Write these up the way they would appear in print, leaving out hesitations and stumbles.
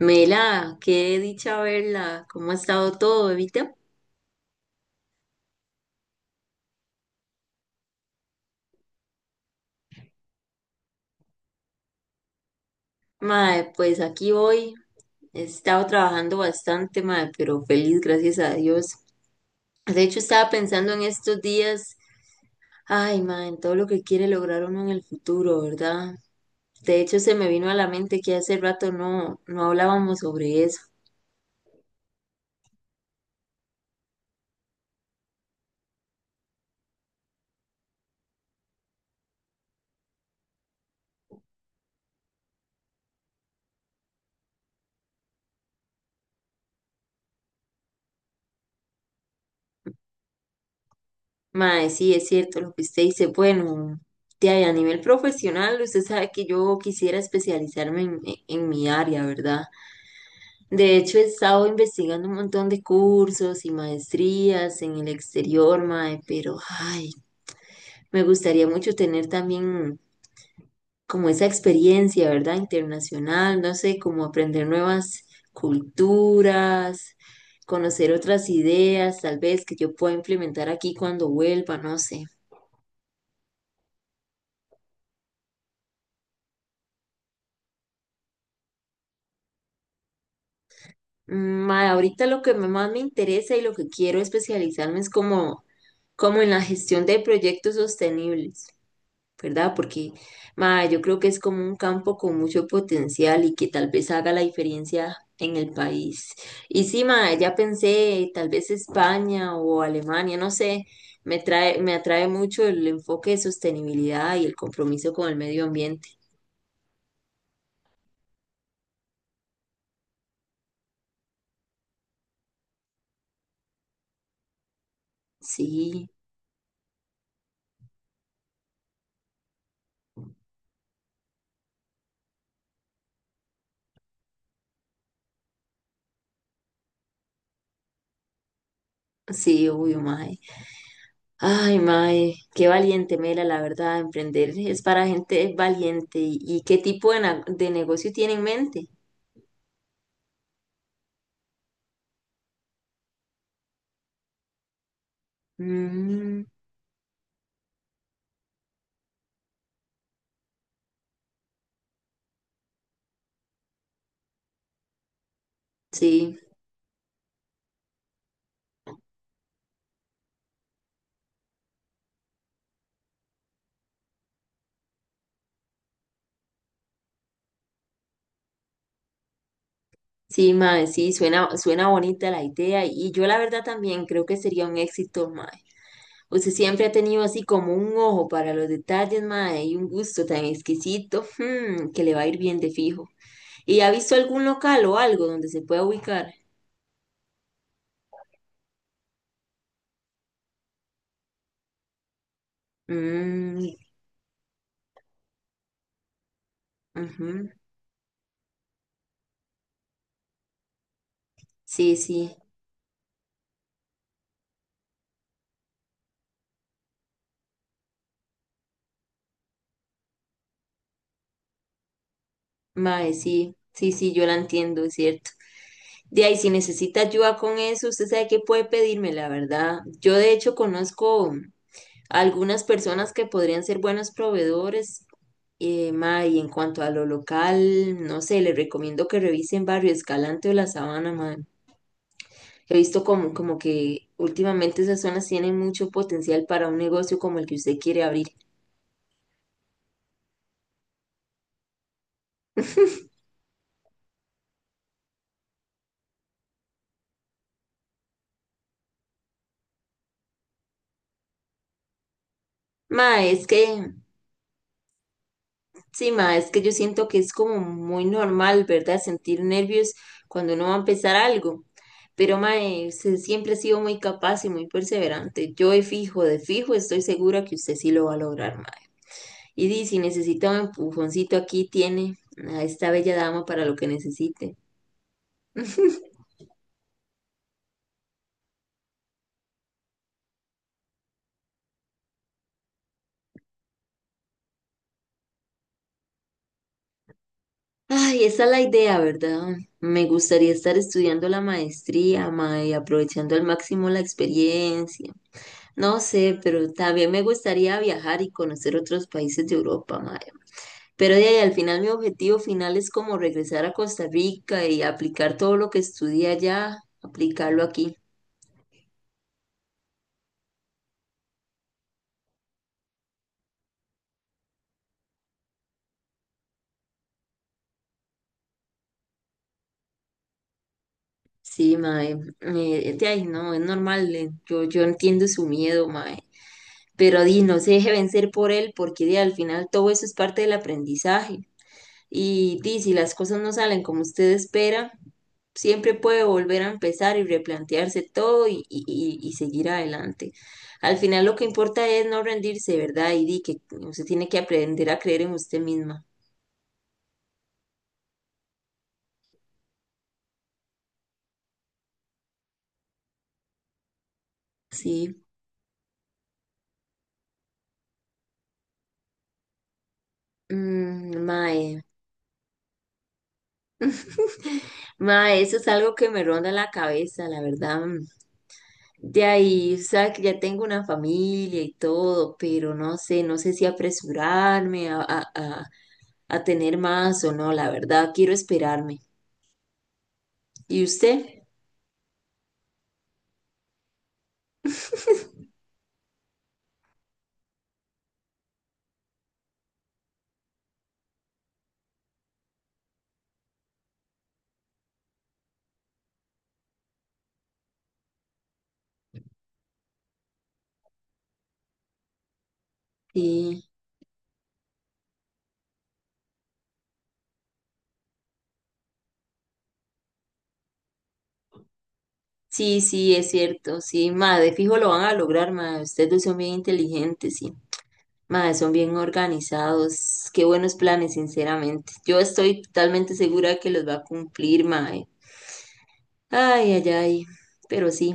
Mela, qué dicha verla, ¿cómo ha estado todo, Evita? Mae, pues aquí voy, he estado trabajando bastante, mae, pero feliz, gracias a Dios. De hecho, estaba pensando en estos días, ay, mae, en todo lo que quiere lograr uno en el futuro, ¿verdad? De hecho, se me vino a la mente que hace rato no hablábamos sobre eso. Mae, sí, es cierto lo que usted dice. Bueno, de ahí, a nivel profesional, usted sabe que yo quisiera especializarme en mi área, ¿verdad? De hecho, he estado investigando un montón de cursos y maestrías en el exterior, mae, pero ay, me gustaría mucho tener también como esa experiencia, ¿verdad? Internacional, no sé, como aprender nuevas culturas, conocer otras ideas, tal vez que yo pueda implementar aquí cuando vuelva, no sé. Ma, ahorita lo que más me interesa y lo que quiero especializarme es como, como en la gestión de proyectos sostenibles, ¿verdad? Porque ma, yo creo que es como un campo con mucho potencial y que tal vez haga la diferencia en el país. Y sí, ma, ya pensé, tal vez España o Alemania, no sé, me atrae mucho el enfoque de sostenibilidad y el compromiso con el medio ambiente. Sí, sí, obvio, ma. Ay, mae, qué valiente, Mela, la verdad, emprender es para gente valiente. ¿Y, qué tipo de, de negocio tiene en mente? Mm, sí, sí, mae, sí, suena bonita la idea. Y yo la verdad también creo que sería un éxito, mae. Usted siempre ha tenido así como un ojo para los detalles, mae, y un gusto tan exquisito, mm, que le va a ir bien de fijo. ¿Y ha visto algún local o algo donde se pueda ubicar? Mm, ujú, sí, sí. Mae, sí, sí, sí, yo la entiendo, es cierto. De ahí, si necesita ayuda con eso, usted sabe que puede pedirme, la verdad. Yo de hecho conozco algunas personas que podrían ser buenos proveedores. Mae, y en cuanto a lo local, no sé, le recomiendo que revisen Barrio Escalante o La Sabana, mae. He visto como, como que últimamente esas zonas tienen mucho potencial para un negocio como el que usted quiere abrir. Mae, es que sí, ma, es que yo siento que es como muy normal, ¿verdad? Sentir nervios cuando uno va a empezar algo. Pero, ma, usted siempre ha sido muy capaz y muy perseverante. Yo de fijo, estoy segura que usted sí lo va a lograr, ma. Y di, si necesita un empujoncito, aquí tiene a esta bella dama para lo que necesite. Ay, esa es la idea, ¿verdad? Me gustaría estar estudiando la maestría, ma, y aprovechando al máximo la experiencia. No sé, pero también me gustaría viajar y conocer otros países de Europa, ma. Pero de ahí, al final mi objetivo final es como regresar a Costa Rica y aplicar todo lo que estudié allá, aplicarlo aquí. Sí, mae, de ahí no, es normal, yo entiendo su miedo, mae, pero di, no se deje vencer por él, porque di, al final todo eso es parte del aprendizaje, y di, si las cosas no salen como usted espera, siempre puede volver a empezar y replantearse todo y seguir adelante. Al final lo que importa es no rendirse, ¿verdad? Y di que usted tiene que aprender a creer en usted misma, sí, mm, mae. Ma, eso es algo que me ronda la cabeza, la verdad. Mm. De ahí, sabe que ya tengo una familia y todo, pero no sé, no sé si apresurarme a tener más o no, la verdad, quiero esperarme. ¿Y usted? Sí, sí, sí, es cierto, sí, ma, de fijo lo van a lograr, ma, ustedes dos son bien inteligentes, sí, ma, son bien organizados, qué buenos planes, sinceramente. Yo estoy totalmente segura de que los va a cumplir, ma. Ay, ay, ay, pero sí.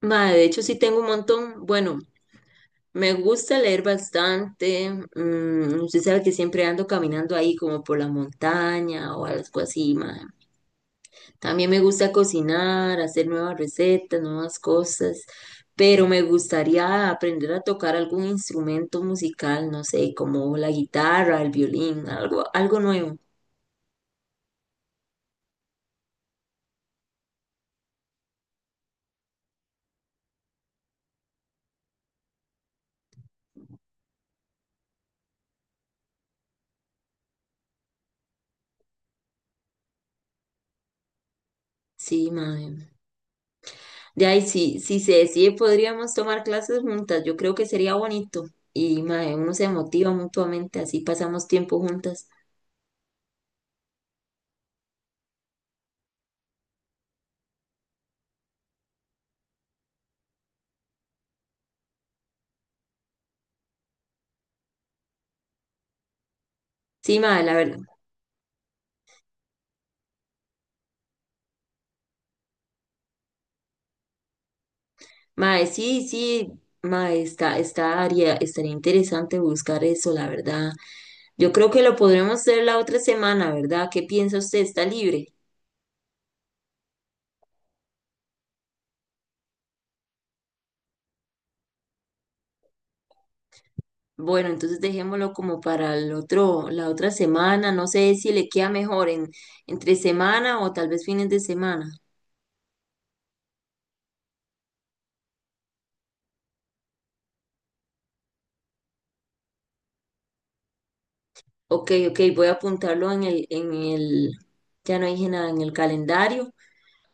Mae, de hecho sí tengo un montón. Bueno, me gusta leer bastante. Mm, usted sabe que siempre ando caminando ahí como por la montaña o algo así, mae. También me gusta cocinar, hacer nuevas recetas, nuevas cosas. Pero me gustaría aprender a tocar algún instrumento musical, no sé, como la guitarra, el violín, algo, algo nuevo. Sí, mae. De ahí, si se decide, podríamos tomar clases juntas. Yo creo que sería bonito. Y mae, uno se motiva mutuamente, así pasamos tiempo juntas. Sí, mae, la verdad. Mae, sí, sí, mae, está, está, estaría interesante buscar eso, la verdad. Yo creo que lo podremos hacer la otra semana, ¿verdad? ¿Qué piensa usted? ¿Está libre? Bueno, entonces dejémoslo como para el otro, la otra semana. No sé si le queda mejor entre semana o tal vez fines de semana. Ok, ok, voy a apuntarlo en el, ya no dije nada, en el calendario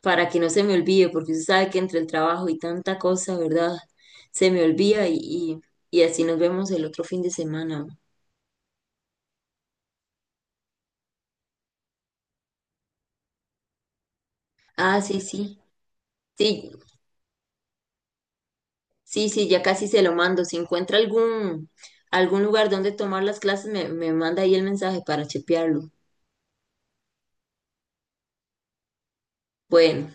para que no se me olvide, porque usted sabe que entre el trabajo y tanta cosa, ¿verdad? Se me olvida y así nos vemos el otro fin de semana. Ah, sí, sí, sí, sí, sí, ya casi se lo mando. Si encuentra algún, algún lugar donde tomar las clases, me manda ahí el mensaje para chepearlo. Bueno.